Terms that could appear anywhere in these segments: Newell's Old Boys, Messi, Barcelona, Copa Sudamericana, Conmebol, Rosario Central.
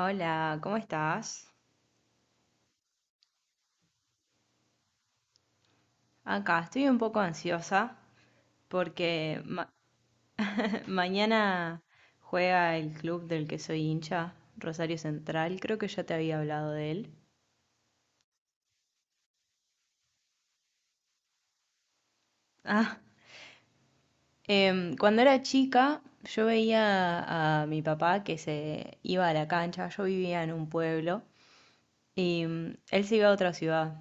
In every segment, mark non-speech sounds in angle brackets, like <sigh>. Hola, ¿cómo estás? Acá estoy un poco ansiosa porque <laughs> mañana juega el club del que soy hincha, Rosario Central. Creo que ya te había hablado de él. Ah, cuando era chica, yo veía a mi papá que se iba a la cancha. Yo vivía en un pueblo y él se iba a otra ciudad.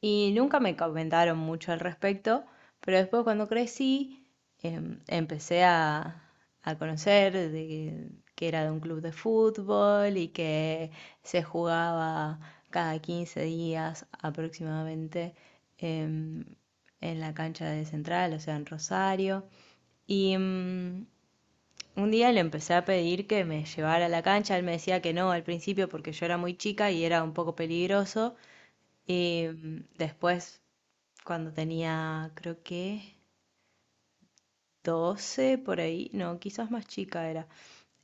Y nunca me comentaron mucho al respecto, pero después cuando crecí em, empecé a, a conocer de que era de un club de fútbol y que se jugaba cada 15 días aproximadamente em, en la cancha de Central, o sea, en Rosario. Y un día le empecé a pedir que me llevara a la cancha, él me decía que no al principio porque yo era muy chica y era un poco peligroso. Y después, cuando tenía, creo que 12 por ahí, no, quizás más chica era.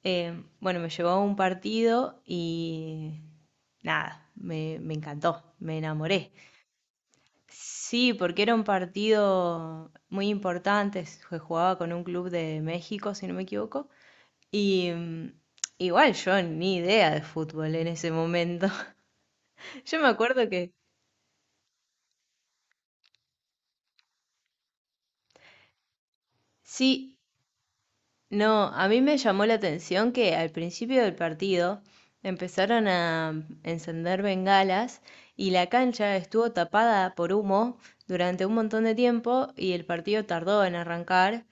Bueno, me llevó a un partido y nada, me encantó, me enamoré. Sí, porque era un partido muy importante, se jugaba con un club de México, si no me equivoco. Y igual yo ni idea de fútbol en ese momento. <laughs> Yo me acuerdo que sí. No, a mí me llamó la atención que al principio del partido empezaron a encender bengalas y la cancha estuvo tapada por humo durante un montón de tiempo y el partido tardó en arrancar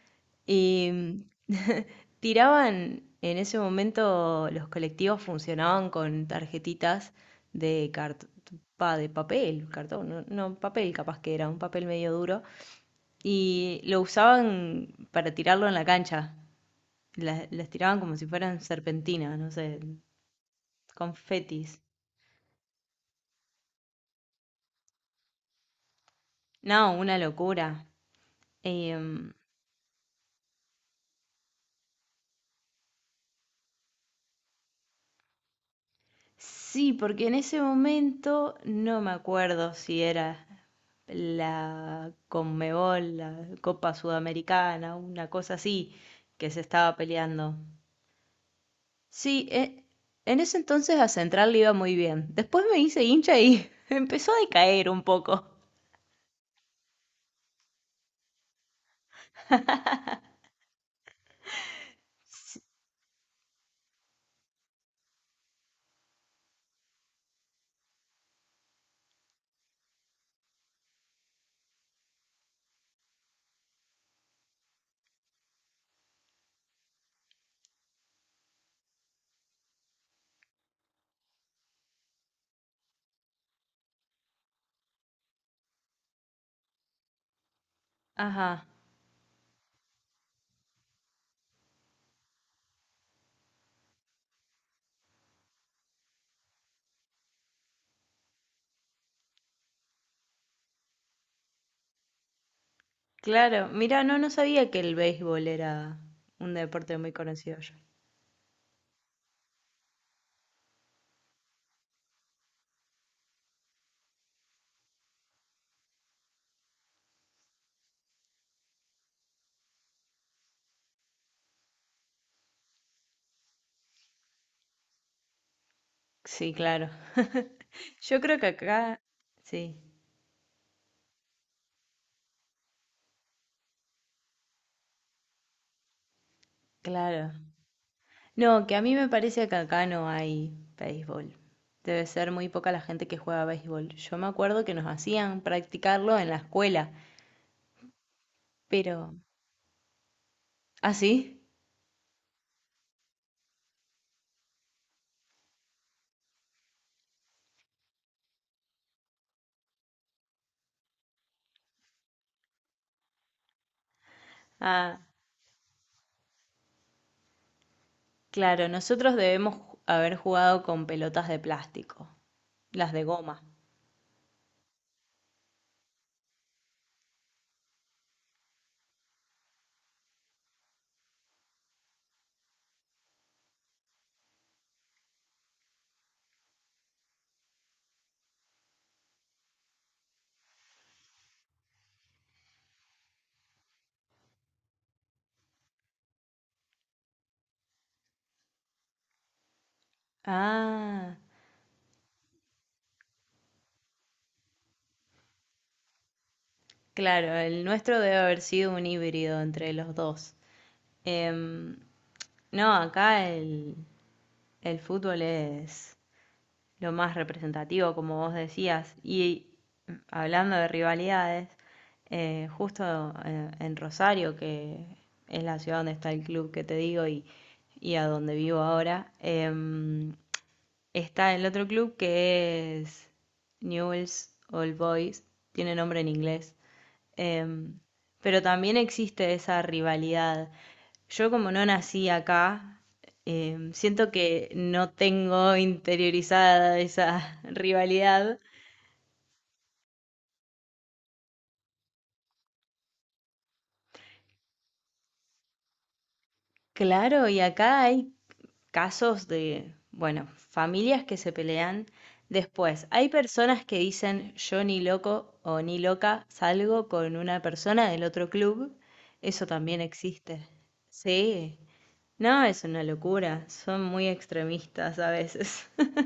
y <laughs> tiraban en ese momento los colectivos funcionaban con tarjetitas de cart- de papel, cartón, no, no, papel capaz que era, un papel medio duro y lo usaban para tirarlo en la cancha. Las tiraban como si fueran serpentinas, no sé, confetis. No, una locura. Em, sí, porque en ese momento no me acuerdo si era la Conmebol, la Copa Sudamericana, una cosa así, que se estaba peleando. Sí, en ese entonces a Central le iba muy bien. Después me hice hincha y <laughs> empezó a decaer un poco. Ajá. Claro, mira, no, no sabía que el béisbol era un deporte muy conocido allá. Sí, claro. Yo creo que acá, sí, claro. No, que a mí me parece que acá no hay béisbol. Debe ser muy poca la gente que juega béisbol. Yo me acuerdo que nos hacían practicarlo en la escuela, pero... ¿Ah, sí? Ah, claro, nosotros haber jugado con pelotas de plástico, las de goma. Ah. Claro, el nuestro debe haber sido un híbrido entre los dos. Em, no, acá el fútbol es lo más representativo, como vos decías. Y hablando de rivalidades, justo en Rosario, que es la ciudad donde está el club que te digo y a donde vivo ahora, está el otro club que es Newell's Old Boys, tiene nombre en inglés. Em, pero también existe esa rivalidad. Yo como no nací acá, siento que no tengo interiorizada esa <laughs> rivalidad. Claro, y acá hay casos de, bueno, familias que se pelean. Después, hay personas que dicen yo ni loco o ni loca salgo con una persona del otro club. Eso también existe. Sí. No, es una locura. Son muy extremistas a veces. <laughs>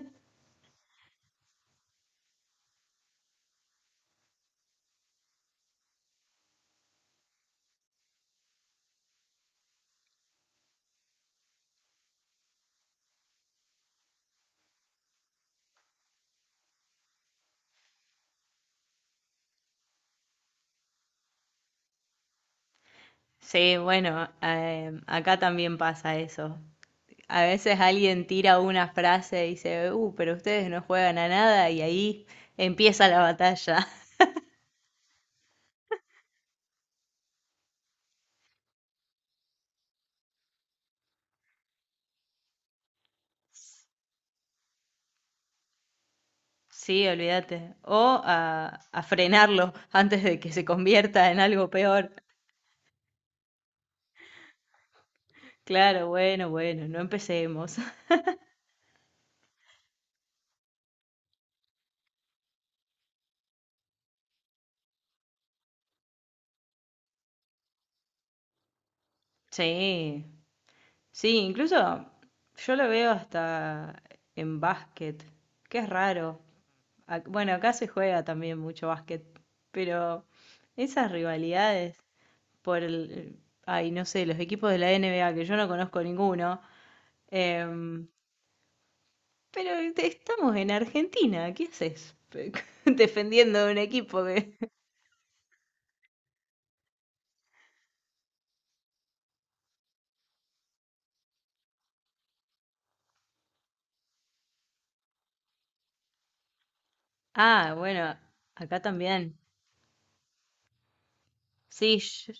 Sí, bueno, acá también pasa eso. A veces alguien tira una frase y dice, pero ustedes no juegan a nada y ahí empieza la batalla. <laughs> Sí, olvídate. O a frenarlo antes de que se convierta en algo peor. Claro, bueno, bueno, no empecemos. <laughs> Sí, sí, incluso yo lo veo hasta en básquet, que es raro. Bueno, acá se juega también mucho básquet, pero esas rivalidades por ay, no sé, los equipos de la NBA que yo no conozco ninguno, em, pero estamos en Argentina, ¿qué haces? <laughs> Defendiendo un equipo que... <laughs> Ah, bueno, acá también. Sí,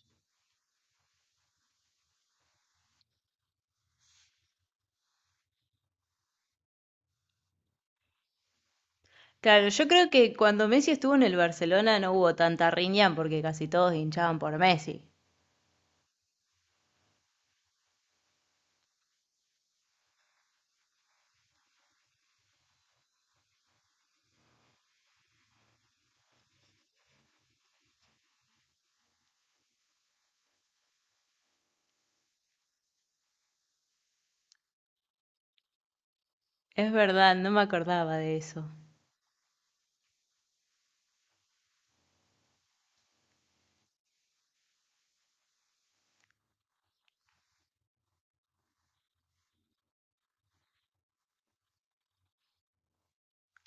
claro, yo creo que cuando Messi estuvo en el Barcelona no hubo tanta riña porque casi todos hinchaban por Messi. Es verdad, no me acordaba de eso.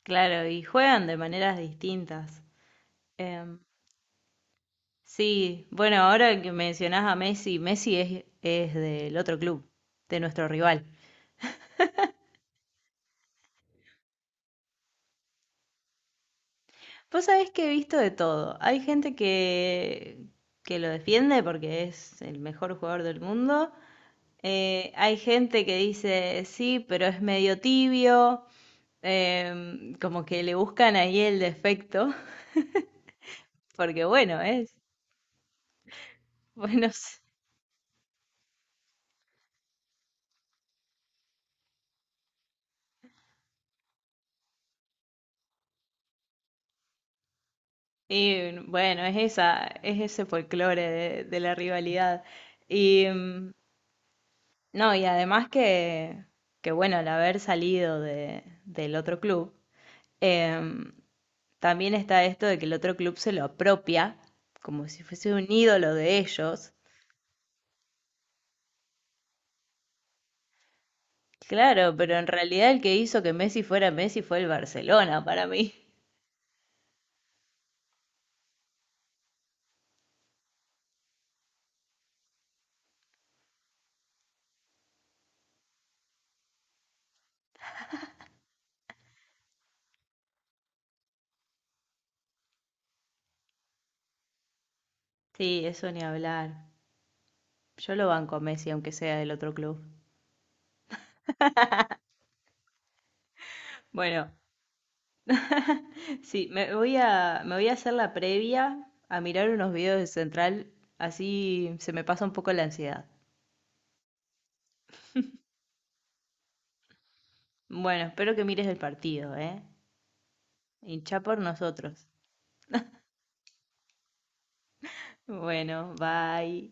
Claro, y juegan de maneras distintas. Em, sí, bueno, ahora que mencionás a Messi, es del otro club, de nuestro rival. Vos sabés que he visto de todo. Hay gente que lo defiende porque es el mejor jugador del mundo. Hay gente que dice, sí, pero es medio tibio. Como que le buscan ahí el defecto, <laughs> porque bueno, <laughs> bueno, y bueno, es ese folclore de la rivalidad. Y, mm, No, y además que bueno, al haber salido de, del otro club, em, también está esto de que el otro club se lo apropia, como si fuese un ídolo de ellos. Claro, pero en realidad el que hizo que Messi fuera Messi fue el Barcelona para mí. Sí, eso ni hablar. Yo lo banco a Messi, aunque sea del otro club. Bueno, sí, me voy a hacer la previa a mirar unos videos de Central, así se me pasa un poco la ansiedad. Bueno, espero que mires el partido, ¿eh? Hinchá por nosotros. Bueno, bye.